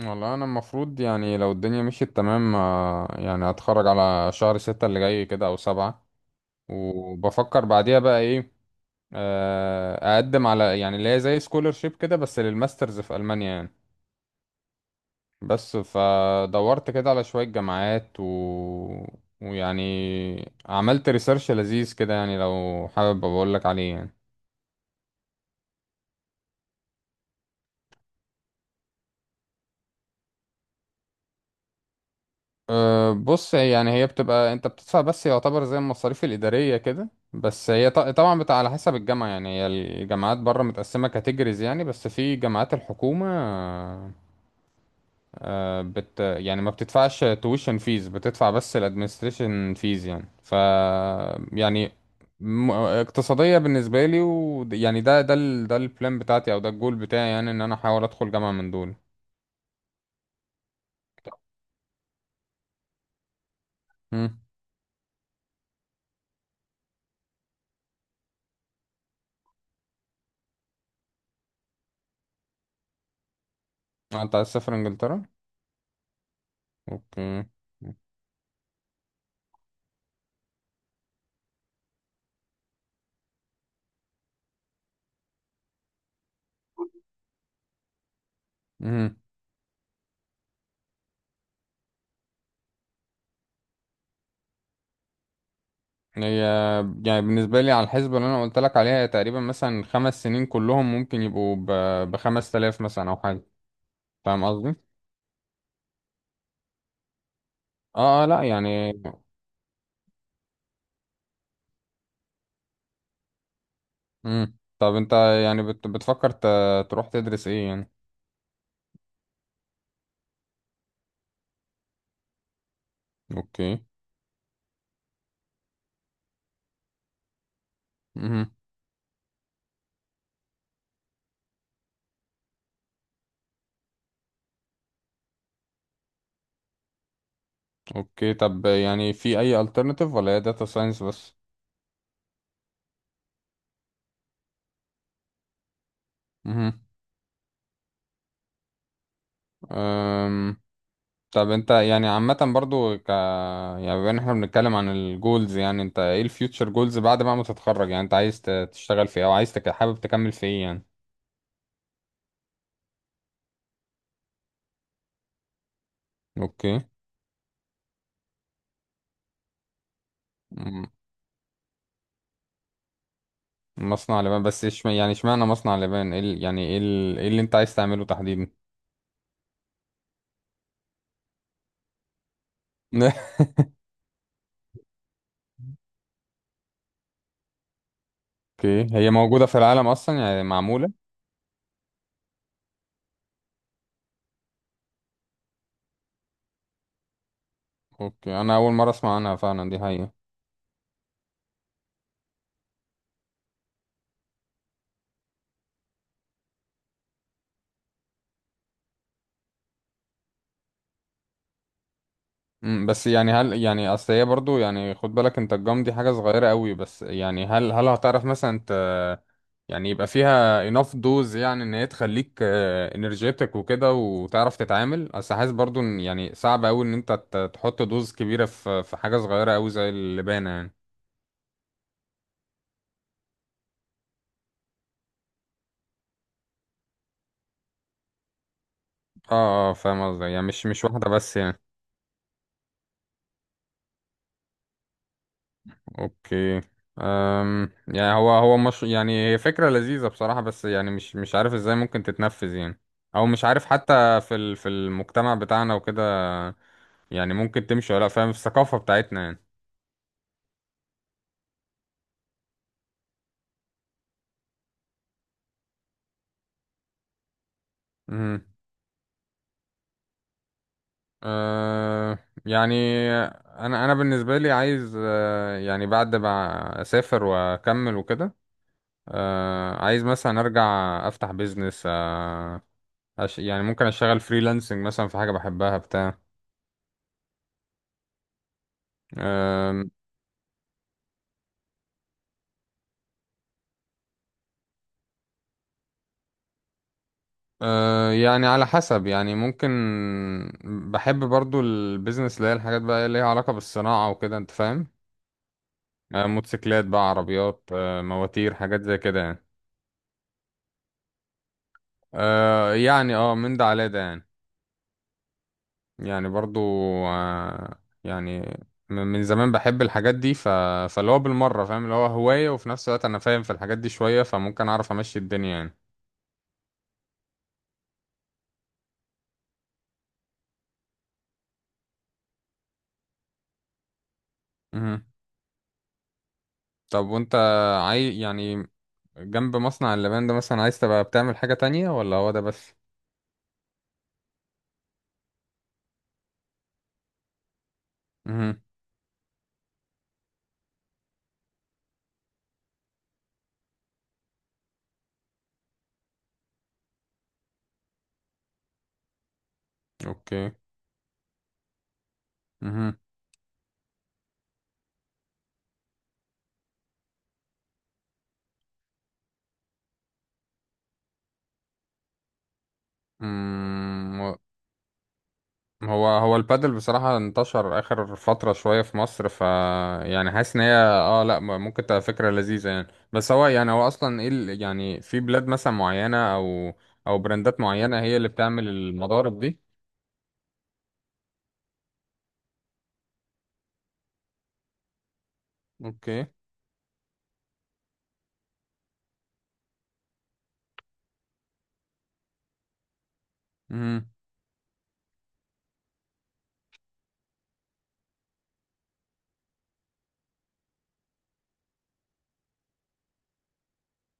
والله انا المفروض يعني لو الدنيا مشيت تمام يعني هتخرج على شهر 6 اللي جاي كده او 7 وبفكر بعديها بقى ايه. اقدم على يعني اللي هي زي سكولرشيب كده بس للماسترز في المانيا يعني. بس فدورت كده على شوية جامعات ويعني عملت ريسيرش لذيذ كده يعني لو حابب بقول لك عليه يعني. بص يعني هي بتبقى انت بتدفع بس يعتبر زي المصاريف الإدارية كده بس هي طبعا بتبقى على حسب الجامعة يعني هي الجامعات بره متقسمة كاتيجوريز يعني بس في جامعات الحكومة. يعني ما بتدفعش تويشن فيز بتدفع بس الادمنستريشن فيز يعني ف يعني اقتصادية بالنسبة لي و يعني ده البلان بتاعتي او ده الجول بتاعي يعني ان انا احاول ادخل جامعة من دول. مم. انت عايز تسافر انجلترا؟ اوكي. مم. هي يعني بالنسبة لي على الحسبة اللي أنا قلت لك عليها هي تقريبا مثلا 5 سنين كلهم ممكن يبقوا ب5 تلاف مثلا أو حاجة. فاهم قصدي؟ اه اه لا يعني. مم. طب أنت يعني بتفكر تروح تدرس إيه يعني؟ أوكي. مم. أوكي. طب يعني في أي alternative ولا هي داتا ساينس بس؟ مم. أم... طب انت يعني عامة برضو ك يعني بما ان احنا بنتكلم عن الجولز يعني انت ايه الفيوتشر جولز بعد بقى ما تتخرج يعني انت عايز تشتغل في ايه او عايز حابب تكمل في ايه يعني. اوكي. مم. مصنع لبان بس ايش يعني اشمعنى مصنع لبان ايه يعني ايه ايه اللي انت عايز تعمله تحديدا. اوكي، هي موجودة في العالم اصلا يعني معمولة. اوكي، انا اول مرة اسمع عنها فعلا دي حقيقة. بس يعني هل يعني اصل هي برضو يعني خد بالك انت الجام دي حاجة صغيرة قوي بس يعني هل هتعرف مثلا ت يعني يبقى فيها enough dose يعني ان هي تخليك انرجيتك وكده وتعرف تتعامل، اصل حاسس برضو ان يعني صعب قوي ان انت تحط دوز كبيرة في حاجة صغيرة قوي زي اللبانة يعني. اه اه فاهم قصدي يعني مش واحدة بس يعني. اوكي. يعني هو مش يعني هي فكرة لذيذة بصراحة بس يعني مش عارف ازاي ممكن تتنفذ يعني. او مش عارف حتى في في المجتمع بتاعنا وكده يعني ممكن تمشي ولا لأ، فاهم في الثقافة بتاعتنا يعني. امم. أه يعني انا بالنسبة لي عايز يعني بعد ما اسافر واكمل وكده. عايز مثلا ارجع افتح بيزنس. يعني ممكن اشتغل فريلانسنج مثلا في حاجة بحبها بتاع. أه يعني على حسب يعني ممكن بحب برضو البيزنس اللي هي الحاجات بقى اللي ليها علاقة بالصناعة وكده انت فاهم. موتوسيكلات بقى عربيات مواتير حاجات زي كده يعني. أه يعني اه من ده على ده يعني. يعني برضو أه يعني من زمان بحب الحاجات دي فاللي هو بالمرة فاهم اللي هو هواية وفي نفس الوقت انا فاهم في الحاجات دي شوية فممكن اعرف امشي الدنيا يعني. مهم. طب وانت عاي يعني جنب مصنع اللبان ده مثلا عايز تبقى بتعمل حاجة تانية ولا هو ده بس. مهم. اوكي. مهم. مم، هو هو البادل بصراحة انتشر آخر فترة شوية في مصر ف يعني حاسس إن هي اه لأ ممكن تبقى فكرة لذيذة يعني. بس هو يعني هو أصلا إيه يعني في بلاد مثلا معينة أو أو براندات معينة هي اللي بتعمل المضارب دي. اوكي. مهم.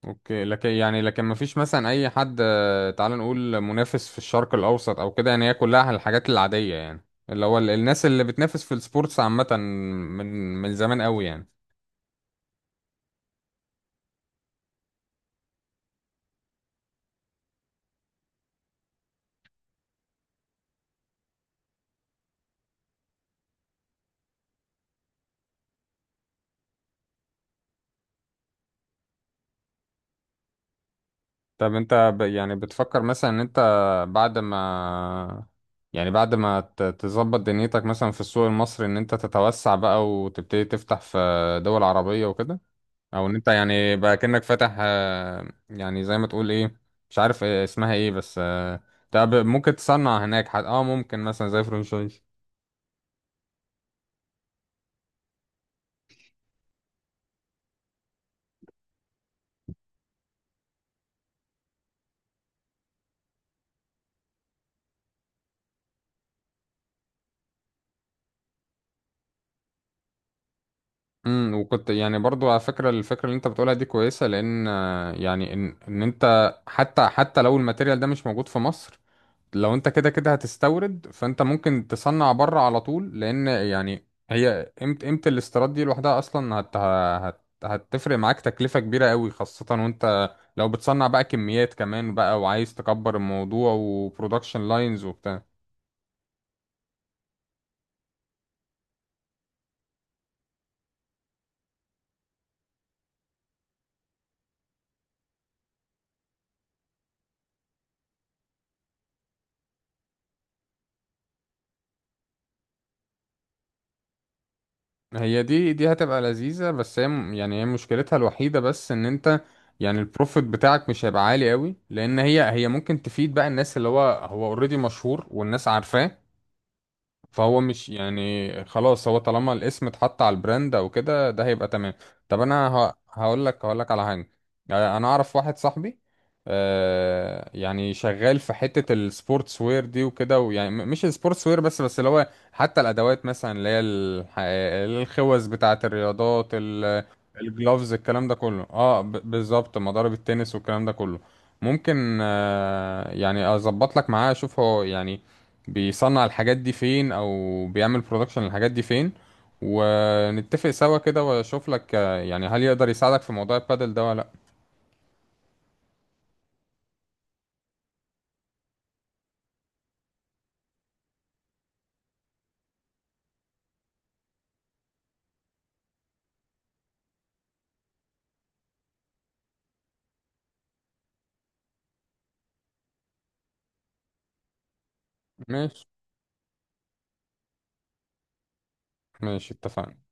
اوكي، لكن يعني لكن ما فيش مثلا اي حد، تعال نقول منافس في الشرق الاوسط او كده يعني هي كلها الحاجات العادية يعني. اللي هو الناس اللي بتنافس في السبورتس عامة من زمان قوي يعني. طب انت ب يعني بتفكر مثلا ان انت بعد ما يعني بعد ما تظبط دنيتك مثلا في السوق المصري ان انت تتوسع بقى وتبتدي تفتح في دول عربية وكده. او ان انت يعني بقى كأنك فاتح، يعني زي ما تقول ايه، مش عارف إيه اسمها ايه بس. طب ممكن تصنع هناك حد اه ممكن مثلا زي فرنشايز. وكنت يعني برضو على فكرة الفكرة اللي انت بتقولها دي كويسة لان يعني ان انت حتى لو الماتيريال ده مش موجود في مصر. لو انت كده كده هتستورد فانت ممكن تصنع بره على طول لان يعني هي قيمة الاستيراد دي لوحدها اصلا هتفرق معاك تكلفة كبيرة قوي خاصة وانت لو بتصنع بقى كميات كمان بقى وعايز تكبر الموضوع وبرودكشن لاينز وبتاع. هي دي هتبقى لذيذة بس هي يعني هي مشكلتها الوحيدة بس ان انت يعني البروفيت بتاعك مش هيبقى عالي قوي لان هي ممكن تفيد بقى الناس اللي هو هو اوريدي مشهور والناس عارفاه. فهو مش يعني خلاص هو طالما الاسم اتحط على البراند او كده ده هيبقى تمام. طب انا هقول لك على حاجه. انا اعرف واحد صاحبي. يعني شغال في حته السبورتس وير دي وكده ويعني مش السبورتس وير بس اللي هو حتى الادوات مثلا اللي هي الخوذ بتاعه الرياضات الجلوفز الكلام ده كله اه بالظبط مضارب التنس والكلام ده كله. ممكن يعني اظبط لك معاه اشوف هو يعني بيصنع الحاجات دي فين او بيعمل برودكشن الحاجات دي فين. ونتفق سوا كده واشوف لك يعني هل يقدر يساعدك في موضوع البادل ده ولا لا. ماشي. ماشي اتفقنا.